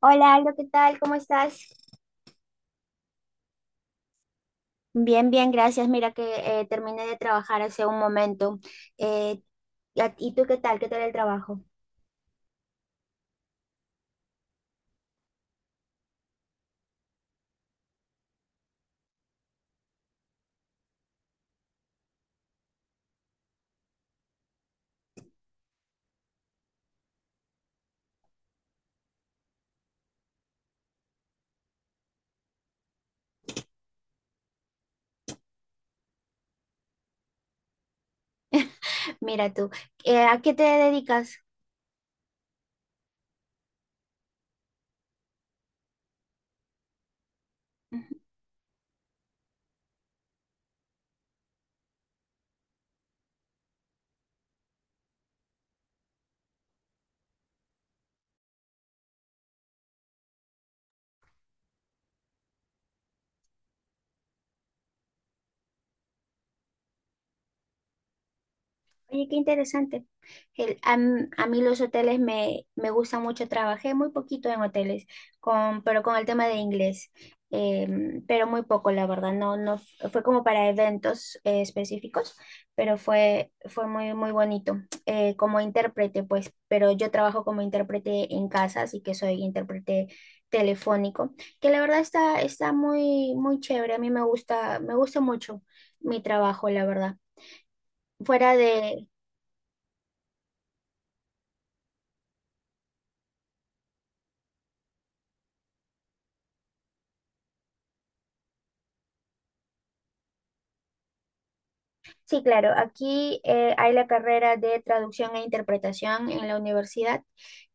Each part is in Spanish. Hola, Aldo, ¿qué tal? ¿Cómo estás? Bien, bien, gracias. Mira que terminé de trabajar hace un momento. Eh, y tú qué tal? ¿Qué tal el trabajo? Mira tú, ¿a qué te dedicas? Ujú. Oye, qué interesante. A mí los hoteles me gustan mucho. Trabajé muy poquito en hoteles, pero con el tema de inglés, pero muy poco, la verdad. No, fue como para eventos específicos, pero fue, fue muy, muy bonito. Como intérprete, pues, pero yo trabajo como intérprete en casa, así que soy intérprete telefónico, que la verdad está, está muy, muy chévere. A mí me gusta mucho mi trabajo, la verdad. Fuera de, sí, claro. Aquí hay la carrera de traducción e interpretación en la universidad.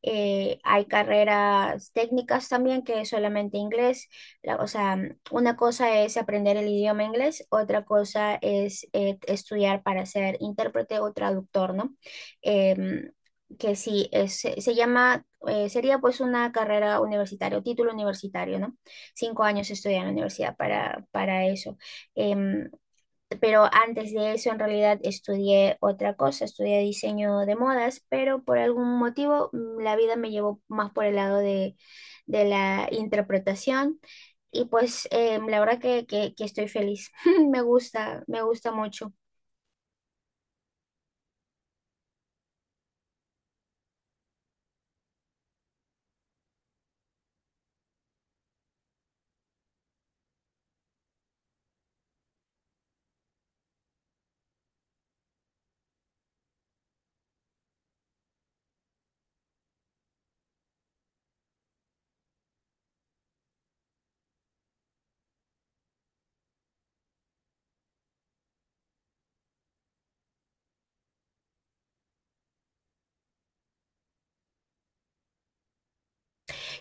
Hay carreras técnicas también que es solamente inglés. O sea, una cosa es aprender el idioma inglés, otra cosa es estudiar para ser intérprete o traductor, ¿no? Em, que sí, se llama, sería pues una carrera universitaria o título universitario, ¿no? 5 años estudiar en la universidad para eso. Em, pero antes de eso en realidad estudié otra cosa, estudié diseño de modas, pero por algún motivo la vida me llevó más por el lado de la interpretación y pues la verdad que, que estoy feliz, me gusta mucho.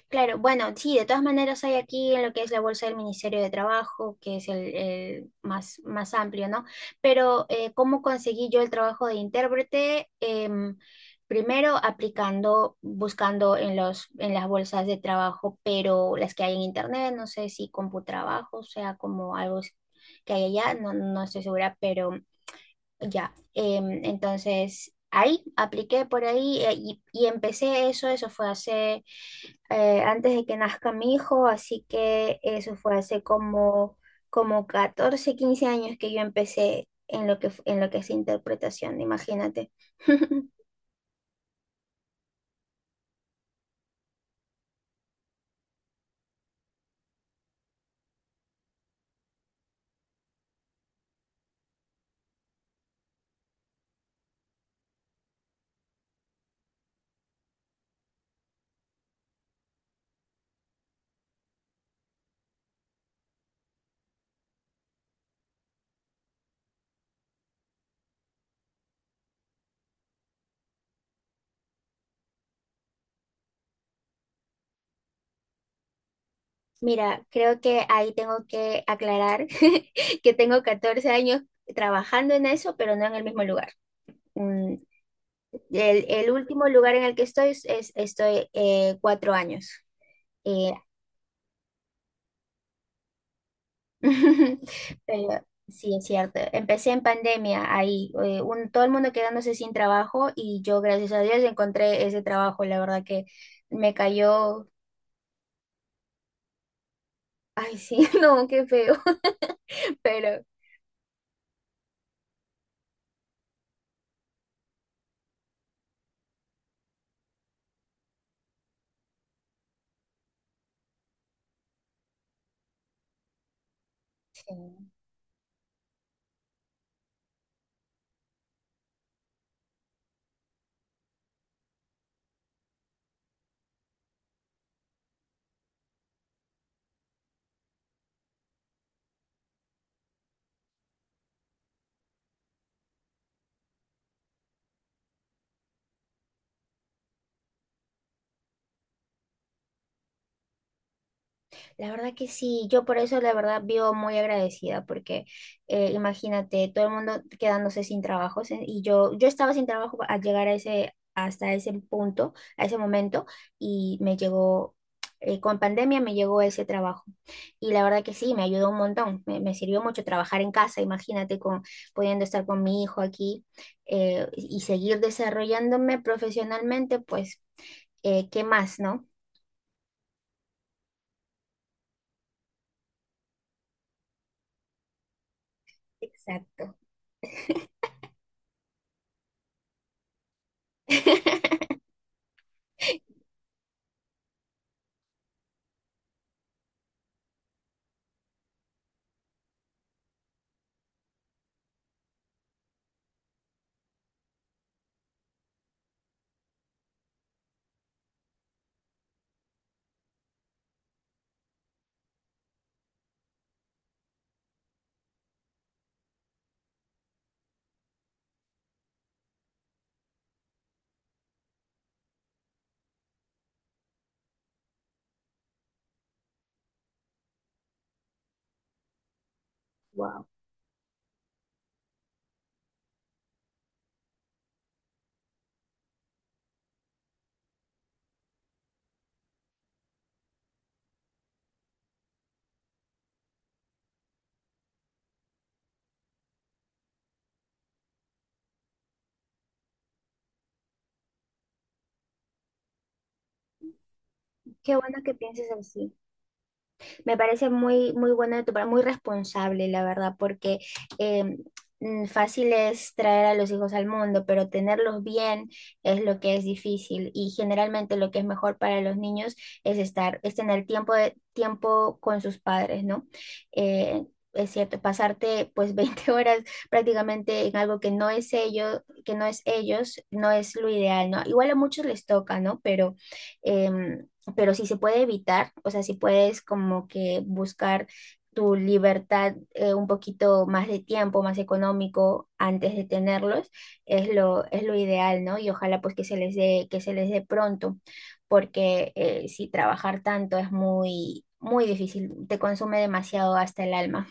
Claro, bueno, sí, de todas maneras hay aquí en lo que es la bolsa del Ministerio de Trabajo, que es el más, más amplio, ¿no? Pero ¿cómo conseguí yo el trabajo de intérprete? Primero aplicando, buscando en los, en las bolsas de trabajo, pero las que hay en internet, no sé si Computrabajo, o sea, como algo que hay allá, no, no estoy segura, pero ya. Entonces, ahí apliqué por ahí y empecé eso, eso fue hace antes de que nazca mi hijo, así que eso fue hace como, como 14 15 años que yo empecé en lo que, en lo que es interpretación, imagínate. Mira, creo que ahí tengo que aclarar que tengo 14 años trabajando en eso, pero no en el mismo lugar. Mm, el último lugar en el que estoy es, estoy 4 años. eh, Pero sí, es cierto. Empecé en pandemia ahí, todo el mundo quedándose sin trabajo y yo, gracias a Dios, encontré ese trabajo. La verdad que me cayó, ay, sí, no, qué feo, pero sí. La verdad que sí, yo por eso la verdad vivo muy agradecida porque imagínate todo el mundo quedándose sin trabajos y yo estaba sin trabajo al llegar a ese hasta ese punto, a ese momento y me llegó con pandemia me llegó ese trabajo y la verdad que sí, me ayudó un montón, me sirvió mucho trabajar en casa, imagínate con pudiendo estar con mi hijo aquí y seguir desarrollándome profesionalmente, pues ¿qué más, no? Exacto. Qué bueno que pienses así. Me parece muy, muy bueno de tu parte, muy responsable, la verdad, porque eh, fácil es traer a los hijos al mundo, pero tenerlos bien es lo que es difícil. Y generalmente lo que es mejor para los niños es estar, es tener tiempo de, tiempo con sus padres, ¿no? Eh, es cierto, pasarte pues 20 horas prácticamente en algo que no es ellos, que no es ellos, no es lo ideal, ¿no? Igual a muchos les toca, ¿no? Pero em, pero si se puede evitar, o sea, si puedes como que buscar tu libertad un poquito más de tiempo, más económico antes de tenerlos, es lo ideal, ¿no? Y ojalá pues que se les dé, que se les dé pronto, porque si trabajar tanto es muy, muy difícil, te consume demasiado hasta el alma.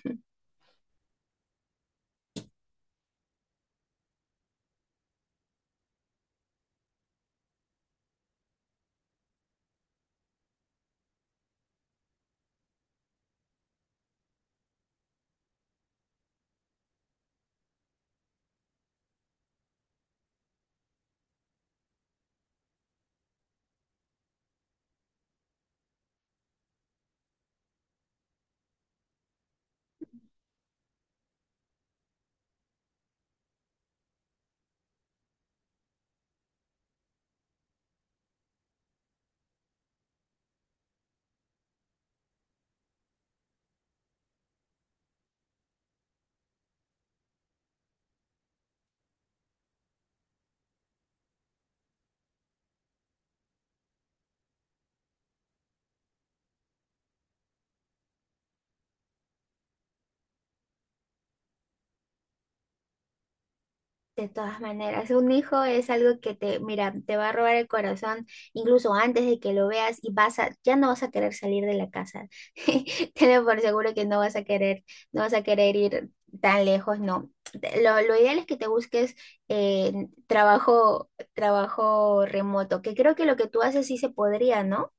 De todas maneras, un hijo es algo que te, mira, te va a robar el corazón incluso antes de que lo veas y vas a, ya no vas a querer salir de la casa. Tenlo por seguro que no vas a querer, no vas a querer ir tan lejos, no. Lo ideal es que te busques eh, trabajo, trabajo remoto, que creo que lo que tú haces sí se podría, ¿no?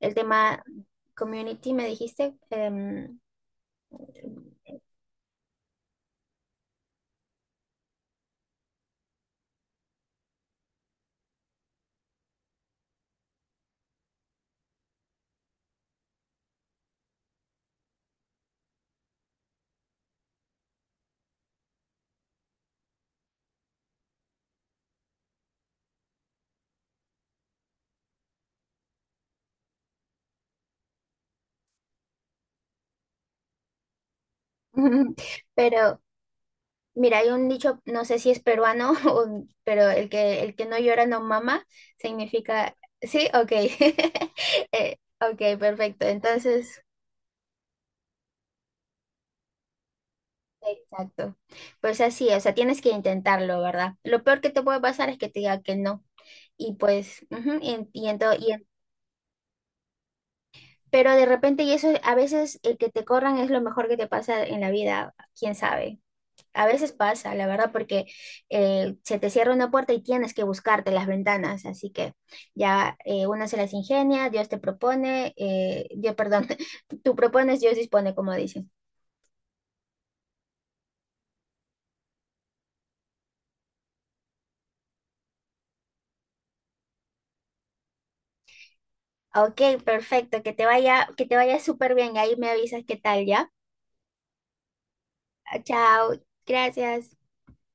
El tema community, me dijiste, pero mira, hay un dicho, no sé si es peruano, pero el que no llora no mama, significa... Sí, ok. Ok, perfecto. Entonces, exacto. Pues así, o sea, tienes que intentarlo, ¿verdad? Lo peor que te puede pasar es que te diga que no. Y pues, ujú, y en todo- y en- pero de repente, y eso a veces el que te corran es lo mejor que te pasa en la vida, quién sabe. A veces pasa, la verdad, porque se te cierra una puerta y tienes que buscarte las ventanas, así que ya una se las ingenia, Dios te propone, Dios, perdón, tú propones, Dios dispone, como dicen. Ok, perfecto, que te vaya súper bien, ahí me avisas qué tal, ¿ya? Chao, gracias.